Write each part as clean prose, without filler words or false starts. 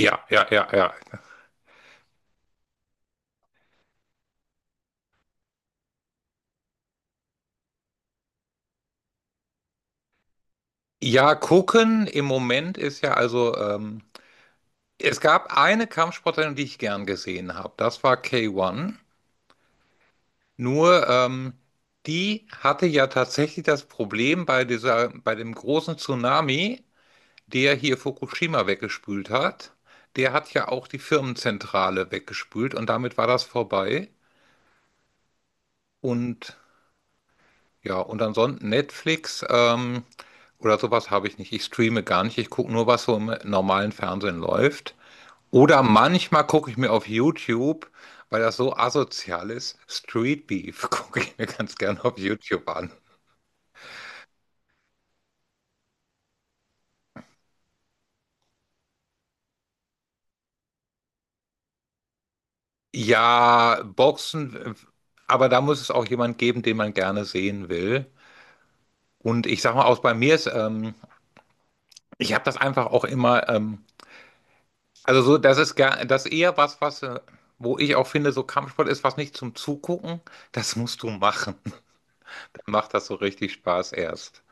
Ja, ja, ja, ja. Ja, gucken im Moment ist ja also, es gab eine Kampfsportlerin, die ich gern gesehen habe. Das war K1. Nur, die hatte ja tatsächlich das Problem bei dieser, bei dem großen Tsunami, der hier Fukushima weggespült hat. Der hat ja auch die Firmenzentrale weggespült und damit war das vorbei. Und Ja, und ansonsten Netflix oder sowas habe ich nicht. Ich streame gar nicht. Ich gucke nur, was so im normalen Fernsehen läuft. Oder manchmal gucke ich mir auf YouTube, weil das so asozial ist, Street Beef gucke ich mir ganz gerne auf YouTube an. Ja, Boxen, aber da muss es auch jemand geben, den man gerne sehen will. Und ich sag mal, auch bei mir ist, ich habe das einfach auch immer also so, das ist eher was, wo ich auch finde, so Kampfsport ist was nicht zum Zugucken. Das musst du machen. Dann macht das so richtig Spaß erst.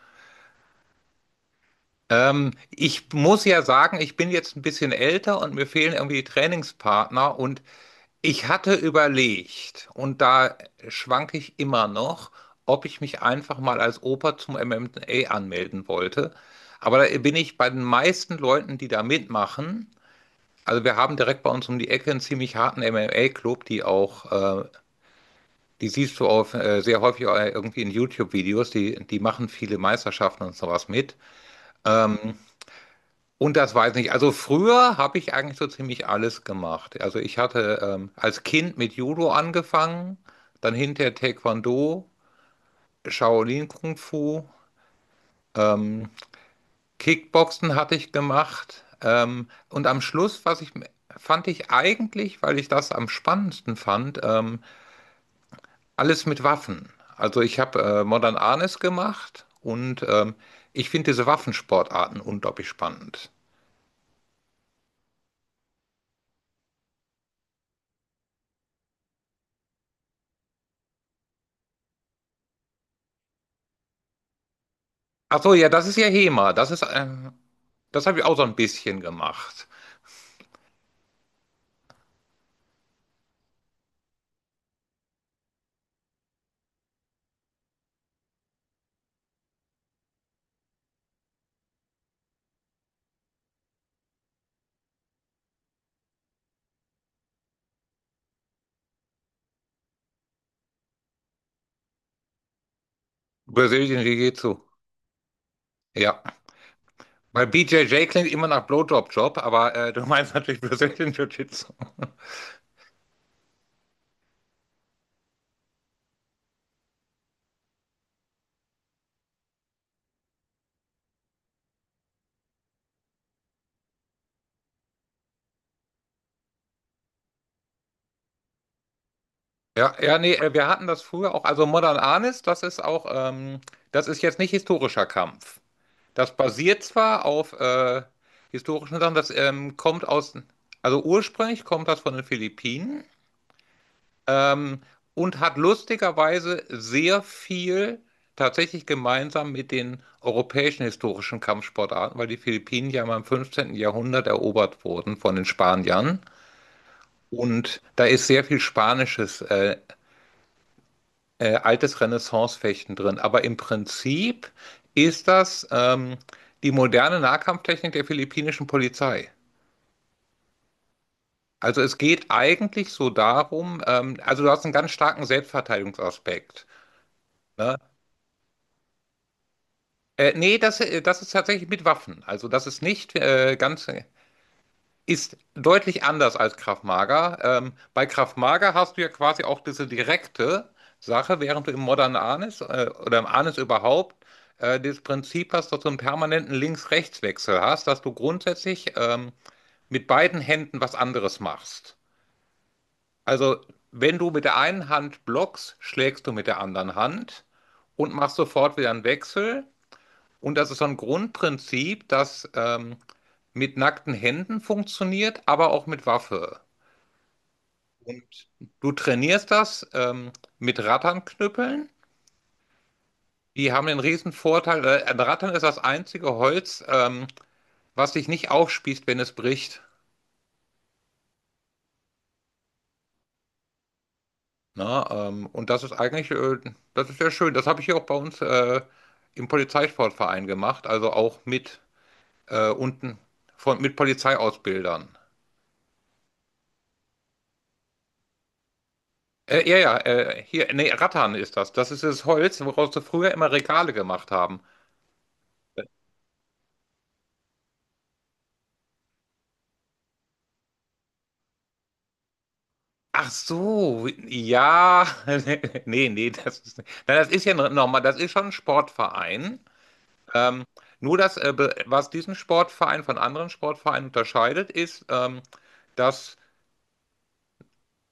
Ich muss ja sagen, ich bin jetzt ein bisschen älter und mir fehlen irgendwie die Trainingspartner und ich hatte überlegt, und da schwanke ich immer noch, ob ich mich einfach mal als Opa zum MMA anmelden wollte. Aber da bin ich bei den meisten Leuten, die da mitmachen. Also wir haben direkt bei uns um die Ecke einen ziemlich harten MMA-Club, die auch, äh, die siehst du auf, sehr häufig auch irgendwie in YouTube-Videos, die machen viele Meisterschaften und sowas mit. Ähm, und das weiß ich nicht. Also früher habe ich eigentlich so ziemlich alles gemacht. Also ich hatte als Kind mit Judo angefangen, dann hinterher Taekwondo, Shaolin Kung Fu, ähm, Kickboxen hatte ich gemacht. Und am Schluss, was ich fand ich eigentlich, weil ich das am spannendsten fand, alles mit Waffen. Also ich habe Modern Arnis gemacht und ich finde diese Waffensportarten unglaublich spannend. Ach so, ja, das ist ja HEMA. Das ist, das habe ich auch so ein bisschen gemacht. Brazilian Jiu-Jitsu. Ja, weil BJJ klingt immer nach Blowjob-Job, aber du meinst natürlich Brazilian Jiu-Jitsu. Ja, ja, nee, wir hatten das früher auch. Also Modern Arnis, das ist auch, das ist jetzt nicht historischer Kampf. Das basiert zwar auf historischen Sachen, das kommt aus, also ursprünglich kommt das von den Philippinen ähm, und hat lustigerweise sehr viel tatsächlich gemeinsam mit den europäischen historischen Kampfsportarten, weil die Philippinen ja mal im 15. Jahrhundert erobert wurden von den Spaniern. Und da ist sehr viel Spanisches altes Renaissance-Fechten drin. Aber im Prinzip ist das die moderne Nahkampftechnik der philippinischen Polizei. Also es geht eigentlich so darum, also du hast einen ganz starken Selbstverteidigungsaspekt. Ne? Nee, das ist tatsächlich mit Waffen. Also das ist nicht ganz, ist deutlich anders als Krav Maga. Bei Krav Maga hast du ja quasi auch diese direkte Sache, während du im Modern Arnis oder im Arnis überhaupt das Prinzip hast, dass du einen permanenten Links-Rechts-Wechsel hast, dass du grundsätzlich mit beiden Händen was anderes machst. Also wenn du mit der einen Hand blockst, schlägst du mit der anderen Hand und machst sofort wieder einen Wechsel. Und das ist so ein Grundprinzip, das mit nackten Händen funktioniert, aber auch mit Waffe. Und du trainierst das mit Ratternknüppeln. Die haben den riesen Vorteil, ein Rattern ist das einzige Holz, was sich nicht aufspießt, wenn es bricht. Na, und das ist eigentlich, das ist sehr schön. Das habe ich hier auch bei uns im Polizeisportverein gemacht, also auch mit unten von, mit Polizeiausbildern. Ja, ja, hier, nee, Rattan ist das. Das ist das Holz, woraus sie früher immer Regale gemacht haben. Ach so, ja, nee, nee, das ist, na, das ist ja nochmal, das ist schon ein Sportverein. Ähm, Nur das, was diesen Sportverein von anderen Sportvereinen unterscheidet, ist, dass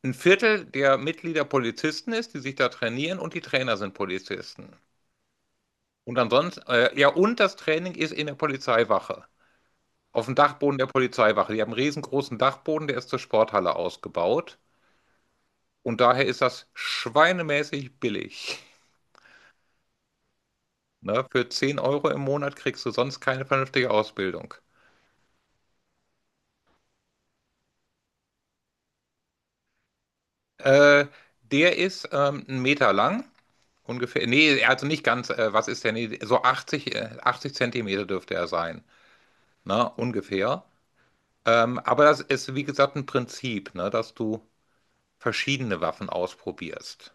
ein Viertel der Mitglieder Polizisten ist, die sich da trainieren und die Trainer sind Polizisten. Und ansonsten, ja, und das Training ist in der Polizeiwache, auf dem Dachboden der Polizeiwache. Die haben einen riesengroßen Dachboden, der ist zur Sporthalle ausgebaut. Und daher ist das schweinemäßig billig. Ne? Für 10 Euro im Monat kriegst du sonst keine vernünftige Ausbildung. Äh, Der ist einen Meter lang, ungefähr. Nee, also nicht ganz, was ist der? Nee, so 80 80 Zentimeter dürfte er sein. Ne? Ungefähr. Aber das ist, wie gesagt, ein Prinzip, ne? Dass du verschiedene Waffen ausprobierst.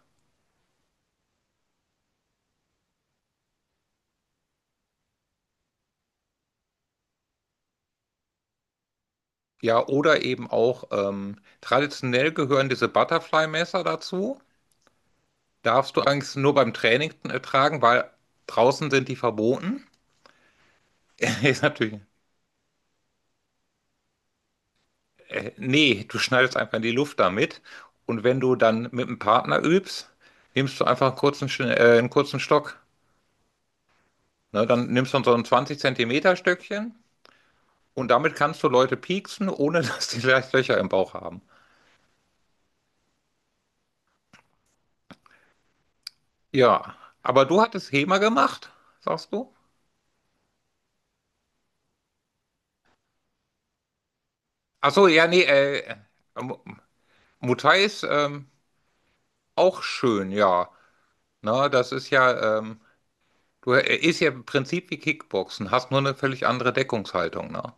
Ja, oder eben auch traditionell gehören diese Butterfly-Messer dazu. Darfst du eigentlich nur beim Training tragen, weil draußen sind die verboten. Ist natürlich. Nee, du schneidest einfach in die Luft damit. Und wenn du dann mit einem Partner übst, nimmst du einfach einen kurzen Stock. Ne, dann nimmst du so ein 20 Zentimeter Stöckchen und damit kannst du Leute pieksen, ohne dass die gleich Löcher im Bauch haben. Ja, aber du hattest HEMA gemacht, sagst du? Ach so, ja, nee, Mu- Muay ist auch schön, ja. Na, das ist ja, du ist ja im Prinzip wie Kickboxen, hast nur eine völlig andere Deckungshaltung, ne?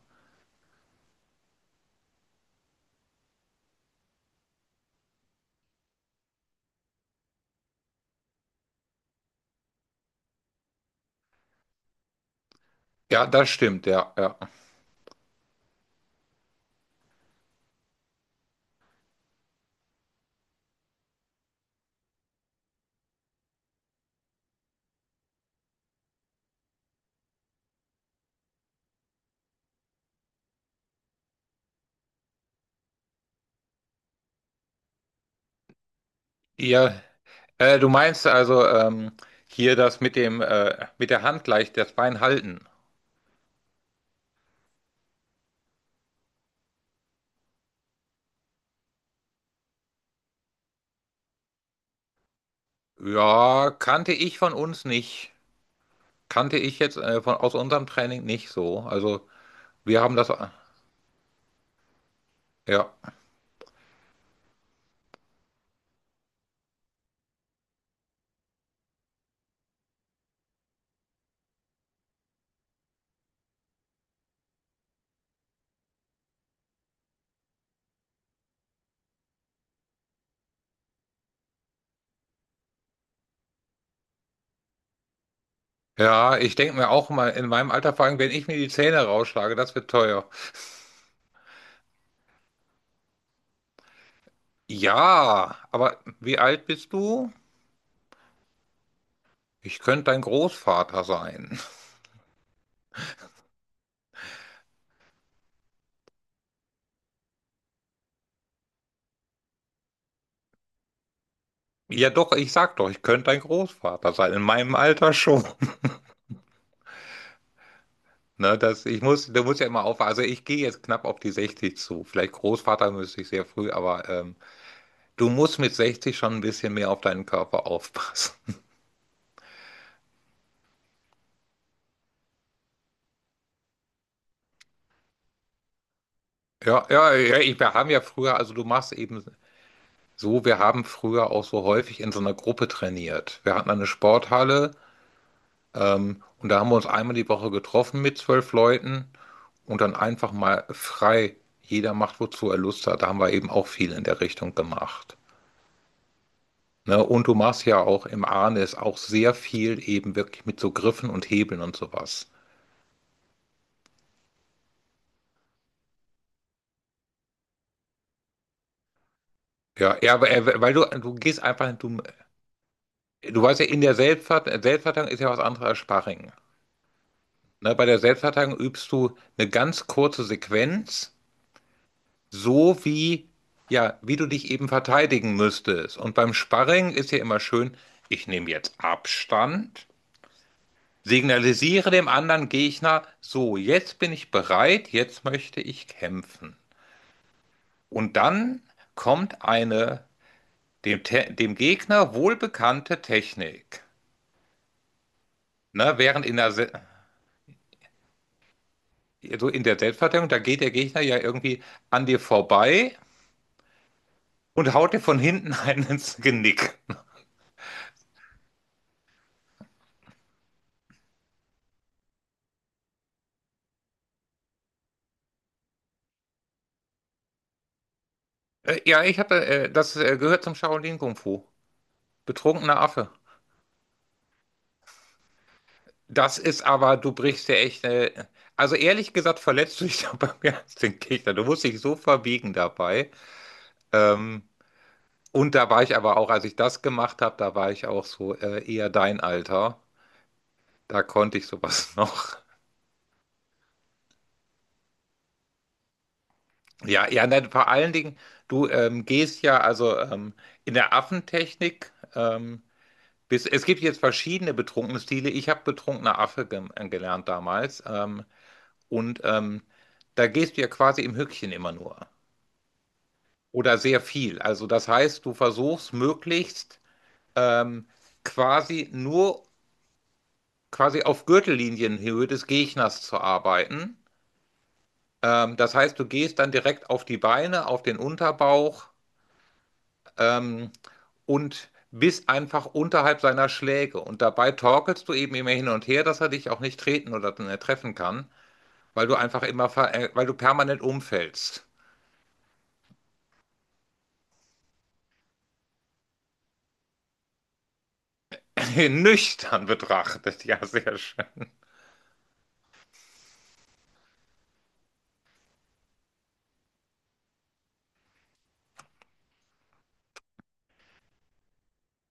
Ja, das stimmt, ja, ja. Ja, du meinst also hier das mit der Hand gleich das Bein halten. Ja, kannte ich von uns nicht. Kannte ich jetzt von aus unserem Training nicht so. Also wir haben das. Ja, ja. Ich denke mir auch mal in meinem Alter, vor allem, wenn ich mir die Zähne rausschlage, das wird teuer. Ja, aber wie alt bist du? Ich könnte dein Großvater sein. Ja, doch. Ich sag doch, ich könnte dein Großvater sein. In meinem Alter schon. Ne, du musst ja immer aufpassen. Also ich gehe jetzt knapp auf die 60 zu. Vielleicht Großvater müsste ich sehr früh, aber du musst mit 60 schon ein bisschen mehr auf deinen Körper aufpassen. Ja, ja, ja, wir haben ja früher, also du machst eben so, wir haben früher auch so häufig in so einer Gruppe trainiert. Wir hatten eine Sporthalle und da haben wir uns einmal die Woche getroffen mit 12 Leuten und dann einfach mal frei. Jeder macht, wozu er Lust hat. Da haben wir eben auch viel in der Richtung gemacht. Ne? Und du machst ja auch im Arnis auch sehr viel eben wirklich mit so Griffen und Hebeln und sowas. Ja, ja, aber, weil du gehst einfach, du weißt ja, in der Selbstverteidigung ist ja was anderes als Sparring. Ne? Bei der Selbstverteidigung übst du eine ganz kurze Sequenz, so wie, ja, wie du dich eben verteidigen müsstest. Und beim Sparring ist ja immer schön, ich nehme jetzt Abstand, signalisiere dem anderen Gegner, so, jetzt bin ich bereit, jetzt möchte ich kämpfen. Und dann kommt eine dem Gegner wohlbekannte Technik. Ne? Während in der, Se so in der Selbstverteidigung, da geht der Gegner ja irgendwie an dir vorbei und haut dir von hinten einen ins Genick. Ja, das gehört zum Shaolin Kung Fu. Betrunkener Affe. Das ist aber, du brichst ja echt, also ehrlich gesagt, verletzt du dich dabei mehr als den Gegner. Du musst dich so verbiegen dabei. Ähm, Und da war ich aber auch, als ich das gemacht habe, da war ich auch so eher dein Alter. Da konnte ich sowas noch. Ja, ja, nein, vor allen Dingen, du gehst ja also in der Affentechnik. Es gibt jetzt verschiedene betrunkene Stile. Ich habe betrunkener Affe gelernt damals. Und da gehst du ja quasi im Höckchen immer nur. Oder sehr viel. Also das heißt, du versuchst möglichst ähm, quasi nur quasi auf Gürtellinienhöhe des Gegners zu arbeiten. Das heißt, du gehst dann direkt auf die Beine, auf den Unterbauch ähm, und bist einfach unterhalb seiner Schläge. Und dabei torkelst du eben immer hin und her, dass er dich auch nicht treten oder treffen kann, weil du einfach immer, ver weil du permanent umfällst. Nüchtern betrachtet, ja, sehr schön.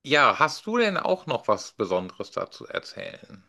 Ja, hast du denn auch noch was Besonderes dazu erzählen?